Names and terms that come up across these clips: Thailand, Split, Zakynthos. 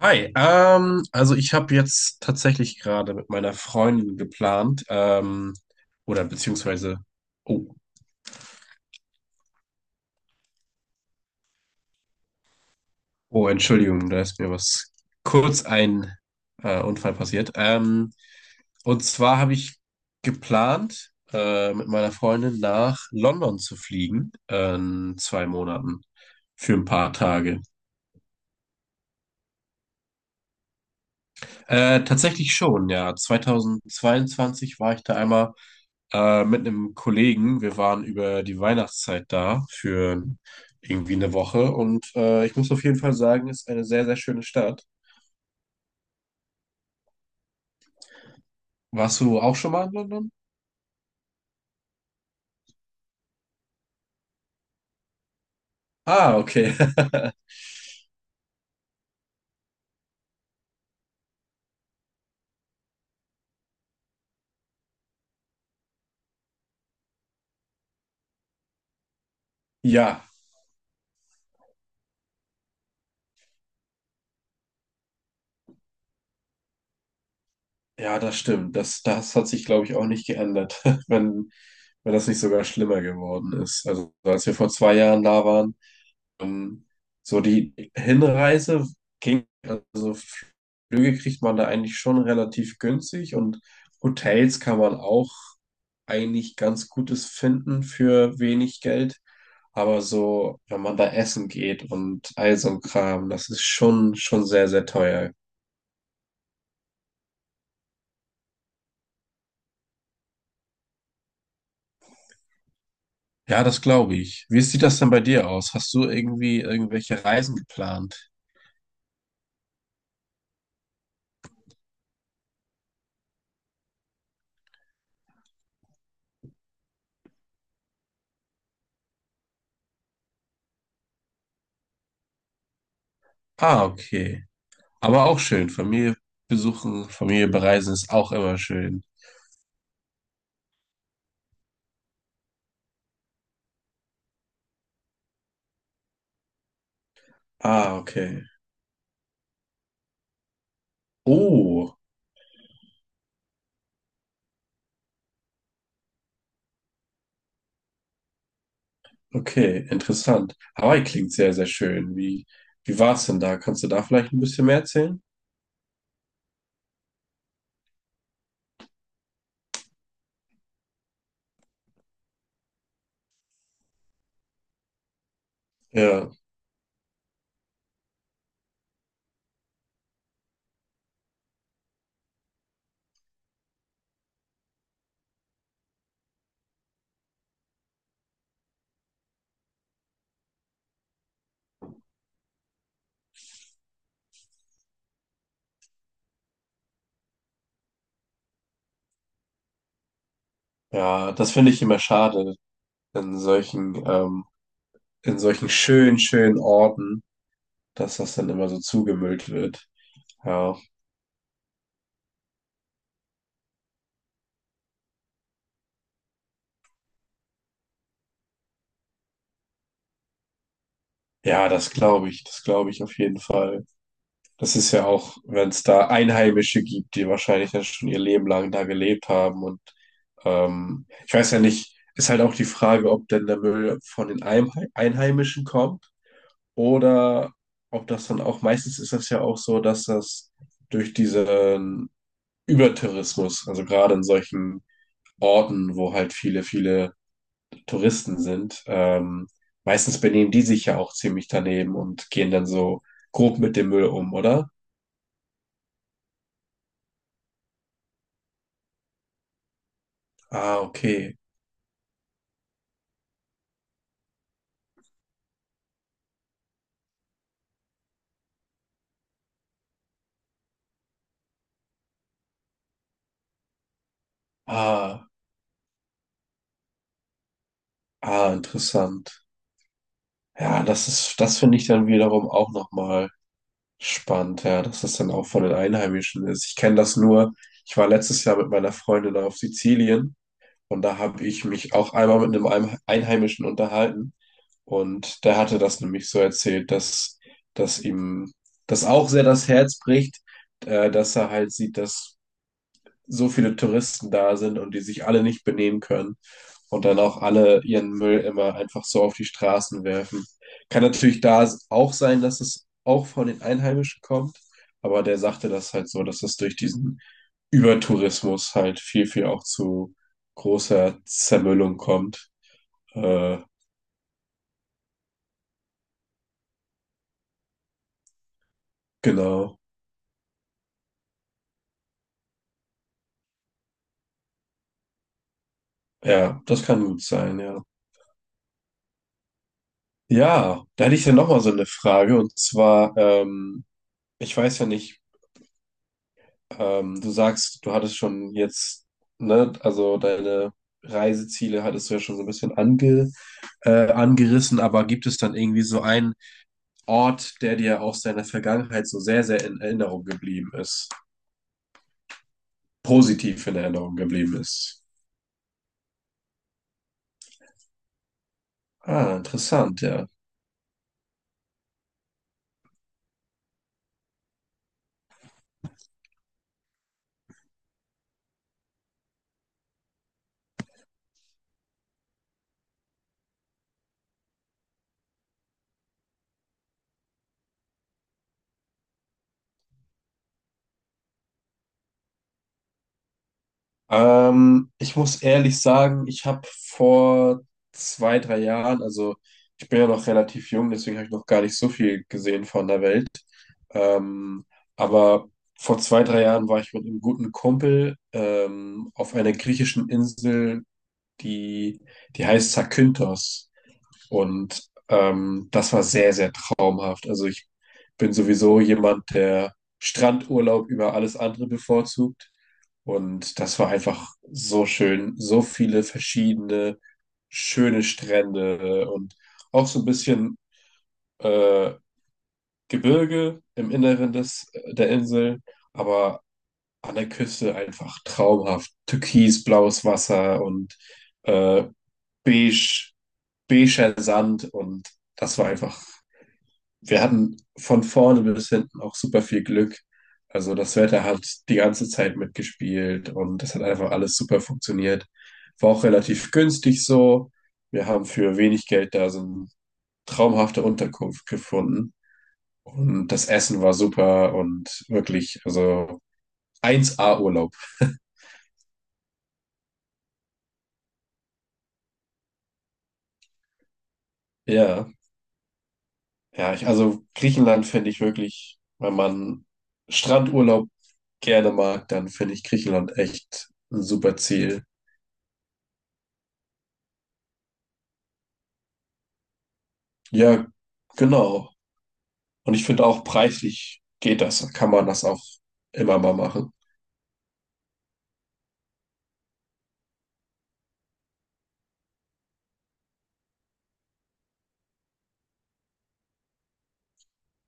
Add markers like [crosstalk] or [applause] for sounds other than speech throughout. Hi, also ich habe jetzt tatsächlich gerade mit meiner Freundin geplant, oder beziehungsweise, oh, oh, Entschuldigung, da ist mir was kurz ein Unfall passiert. Und zwar habe ich geplant, mit meiner Freundin nach London zu fliegen, in 2 Monaten für ein paar Tage. Tatsächlich schon, ja. 2022 war ich da einmal mit einem Kollegen. Wir waren über die Weihnachtszeit da für irgendwie eine Woche und ich muss auf jeden Fall sagen, ist eine sehr, sehr schöne Stadt. Warst du auch schon mal in London? Ah, okay. [laughs] Ja, ja, das stimmt. Das hat sich, glaube ich, auch nicht geändert, [laughs] wenn, wenn das nicht sogar schlimmer geworden ist. Also als wir vor 2 Jahren da waren, Ähm, so die Hinreise ging, also Flüge kriegt man da eigentlich schon relativ günstig und Hotels kann man auch eigentlich ganz Gutes finden für wenig Geld. Aber so, wenn man da essen geht und all so ein Kram, das ist schon, schon sehr, sehr teuer. Ja, das glaube ich. Wie sieht das denn bei dir aus? Hast du irgendwie irgendwelche Reisen geplant? Ah, okay. Aber auch schön. Familie besuchen, Familie bereisen ist auch immer schön. Ah, okay. Oh, okay, interessant. Hawaii klingt sehr, sehr schön. Wie war es denn da? Kannst du da vielleicht ein bisschen mehr erzählen? Ja, ja, das finde ich immer schade in solchen, ähm, in solchen schönen, schönen Orten, dass das dann immer so zugemüllt wird. Ja, ja, das glaube ich auf jeden Fall. Das ist ja auch, wenn es da Einheimische gibt, die wahrscheinlich dann schon ihr Leben lang da gelebt haben. Und ich weiß ja nicht, ist halt auch die Frage, ob denn der Müll von den Einheimischen kommt oder ob das dann auch, meistens ist das ja auch so, dass das durch diesen Übertourismus, also gerade in solchen Orten, wo halt viele, viele Touristen sind, meistens benehmen die sich ja auch ziemlich daneben und gehen dann so grob mit dem Müll um, oder? Ah, okay. Ah, ah, interessant. Ja, das finde ich dann wiederum auch nochmal spannend, ja, dass das dann auch von den Einheimischen ist. Ich kenne das nur, ich war letztes Jahr mit meiner Freundin auf Sizilien und da habe ich mich auch einmal mit einem Einheimischen unterhalten und der hatte das nämlich so erzählt, dass ihm das auch sehr das Herz bricht, dass er halt sieht, dass so viele Touristen da sind und die sich alle nicht benehmen können. Und dann auch alle ihren Müll immer einfach so auf die Straßen werfen. Kann natürlich da auch sein, dass es auch von den Einheimischen kommt, aber der sagte das halt so, dass das durch diesen Übertourismus halt viel, viel auch zu großer Zermüllung kommt. Äh, genau. Ja, das kann gut sein, ja. Ja, da hätte ich ja nochmal so eine Frage und zwar, ich weiß ja nicht. Du sagst, du hattest schon jetzt, ne, also deine Reiseziele hattest du ja schon so ein bisschen angerissen, aber gibt es dann irgendwie so einen Ort, der dir aus deiner Vergangenheit so sehr, sehr in Erinnerung geblieben ist? Positiv in Erinnerung geblieben ist? Ah, interessant, ja. Ich muss ehrlich sagen, ich habe vor 2, 3 Jahren, also ich bin ja noch relativ jung, deswegen habe ich noch gar nicht so viel gesehen von der Welt. Ähm, aber vor 2, 3 Jahren war ich mit einem guten Kumpel auf einer griechischen Insel, die, die heißt Zakynthos. Und das war sehr, sehr traumhaft. Also ich bin sowieso jemand, der Strandurlaub über alles andere bevorzugt. Und das war einfach so schön, so viele verschiedene schöne Strände und auch so ein bisschen äh, Gebirge im Inneren des, der Insel, aber an der Küste einfach traumhaft. Türkisblaues Wasser und äh, beige, beiger Sand und das war einfach, wir hatten von vorne bis hinten auch super viel Glück. Also das Wetter hat die ganze Zeit mitgespielt und das hat einfach alles super funktioniert. War auch relativ günstig so. Wir haben für wenig Geld da so eine traumhafte Unterkunft gefunden und das Essen war super und wirklich, also 1A Urlaub. Ja. Ja, ich, also Griechenland finde ich wirklich, wenn man Strandurlaub gerne mag, dann finde ich Griechenland echt ein super Ziel. Ja, genau. Und ich finde auch preislich geht das, kann man das auch immer mal machen.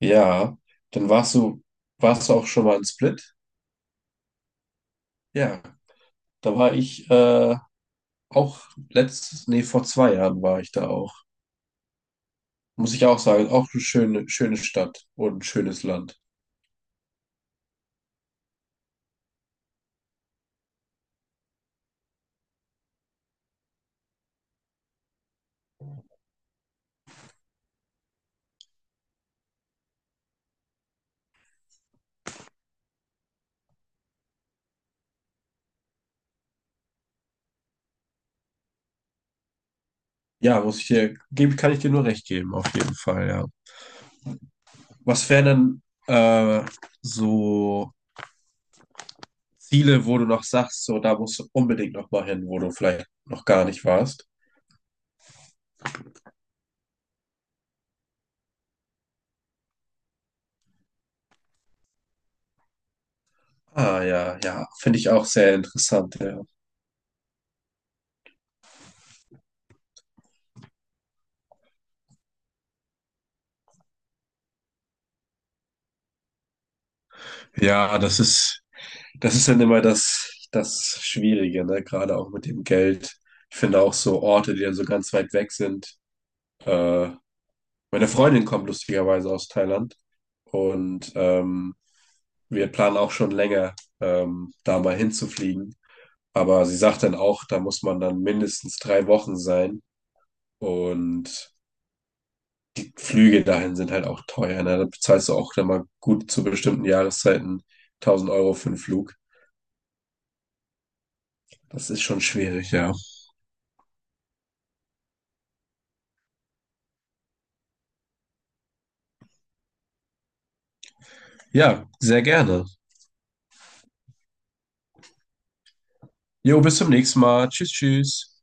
Ja, dann warst du, warst du auch schon mal in Split? Ja, da war ich auch nee, vor 2 Jahren war ich da auch. Muss ich auch sagen, auch eine schöne, schöne Stadt und ein schönes Land. Ja, muss ich dir, gebe, kann ich dir nur recht geben, auf jeden Fall, ja. Was wären denn so Ziele, wo du noch sagst, so da musst du unbedingt noch mal hin, wo du vielleicht noch gar nicht warst? Ah ja, ja, finde ich auch sehr interessant, ja. Ja, das ist dann immer das Schwierige, ne? Gerade auch mit dem Geld. Ich finde auch so Orte, die dann so ganz weit weg sind. Äh, Meine Freundin kommt lustigerweise aus Thailand und wir planen auch schon länger, da mal hinzufliegen. Aber sie sagt dann auch, da muss man dann mindestens 3 Wochen sein. Und die Flüge dahin sind halt auch teuer. Ne? Da bezahlst du auch dann mal gut zu bestimmten Jahreszeiten 1000 Euro für einen Flug. Das ist schon schwierig, ja. Ja, sehr gerne. Jo, bis zum nächsten Mal. Tschüss, tschüss.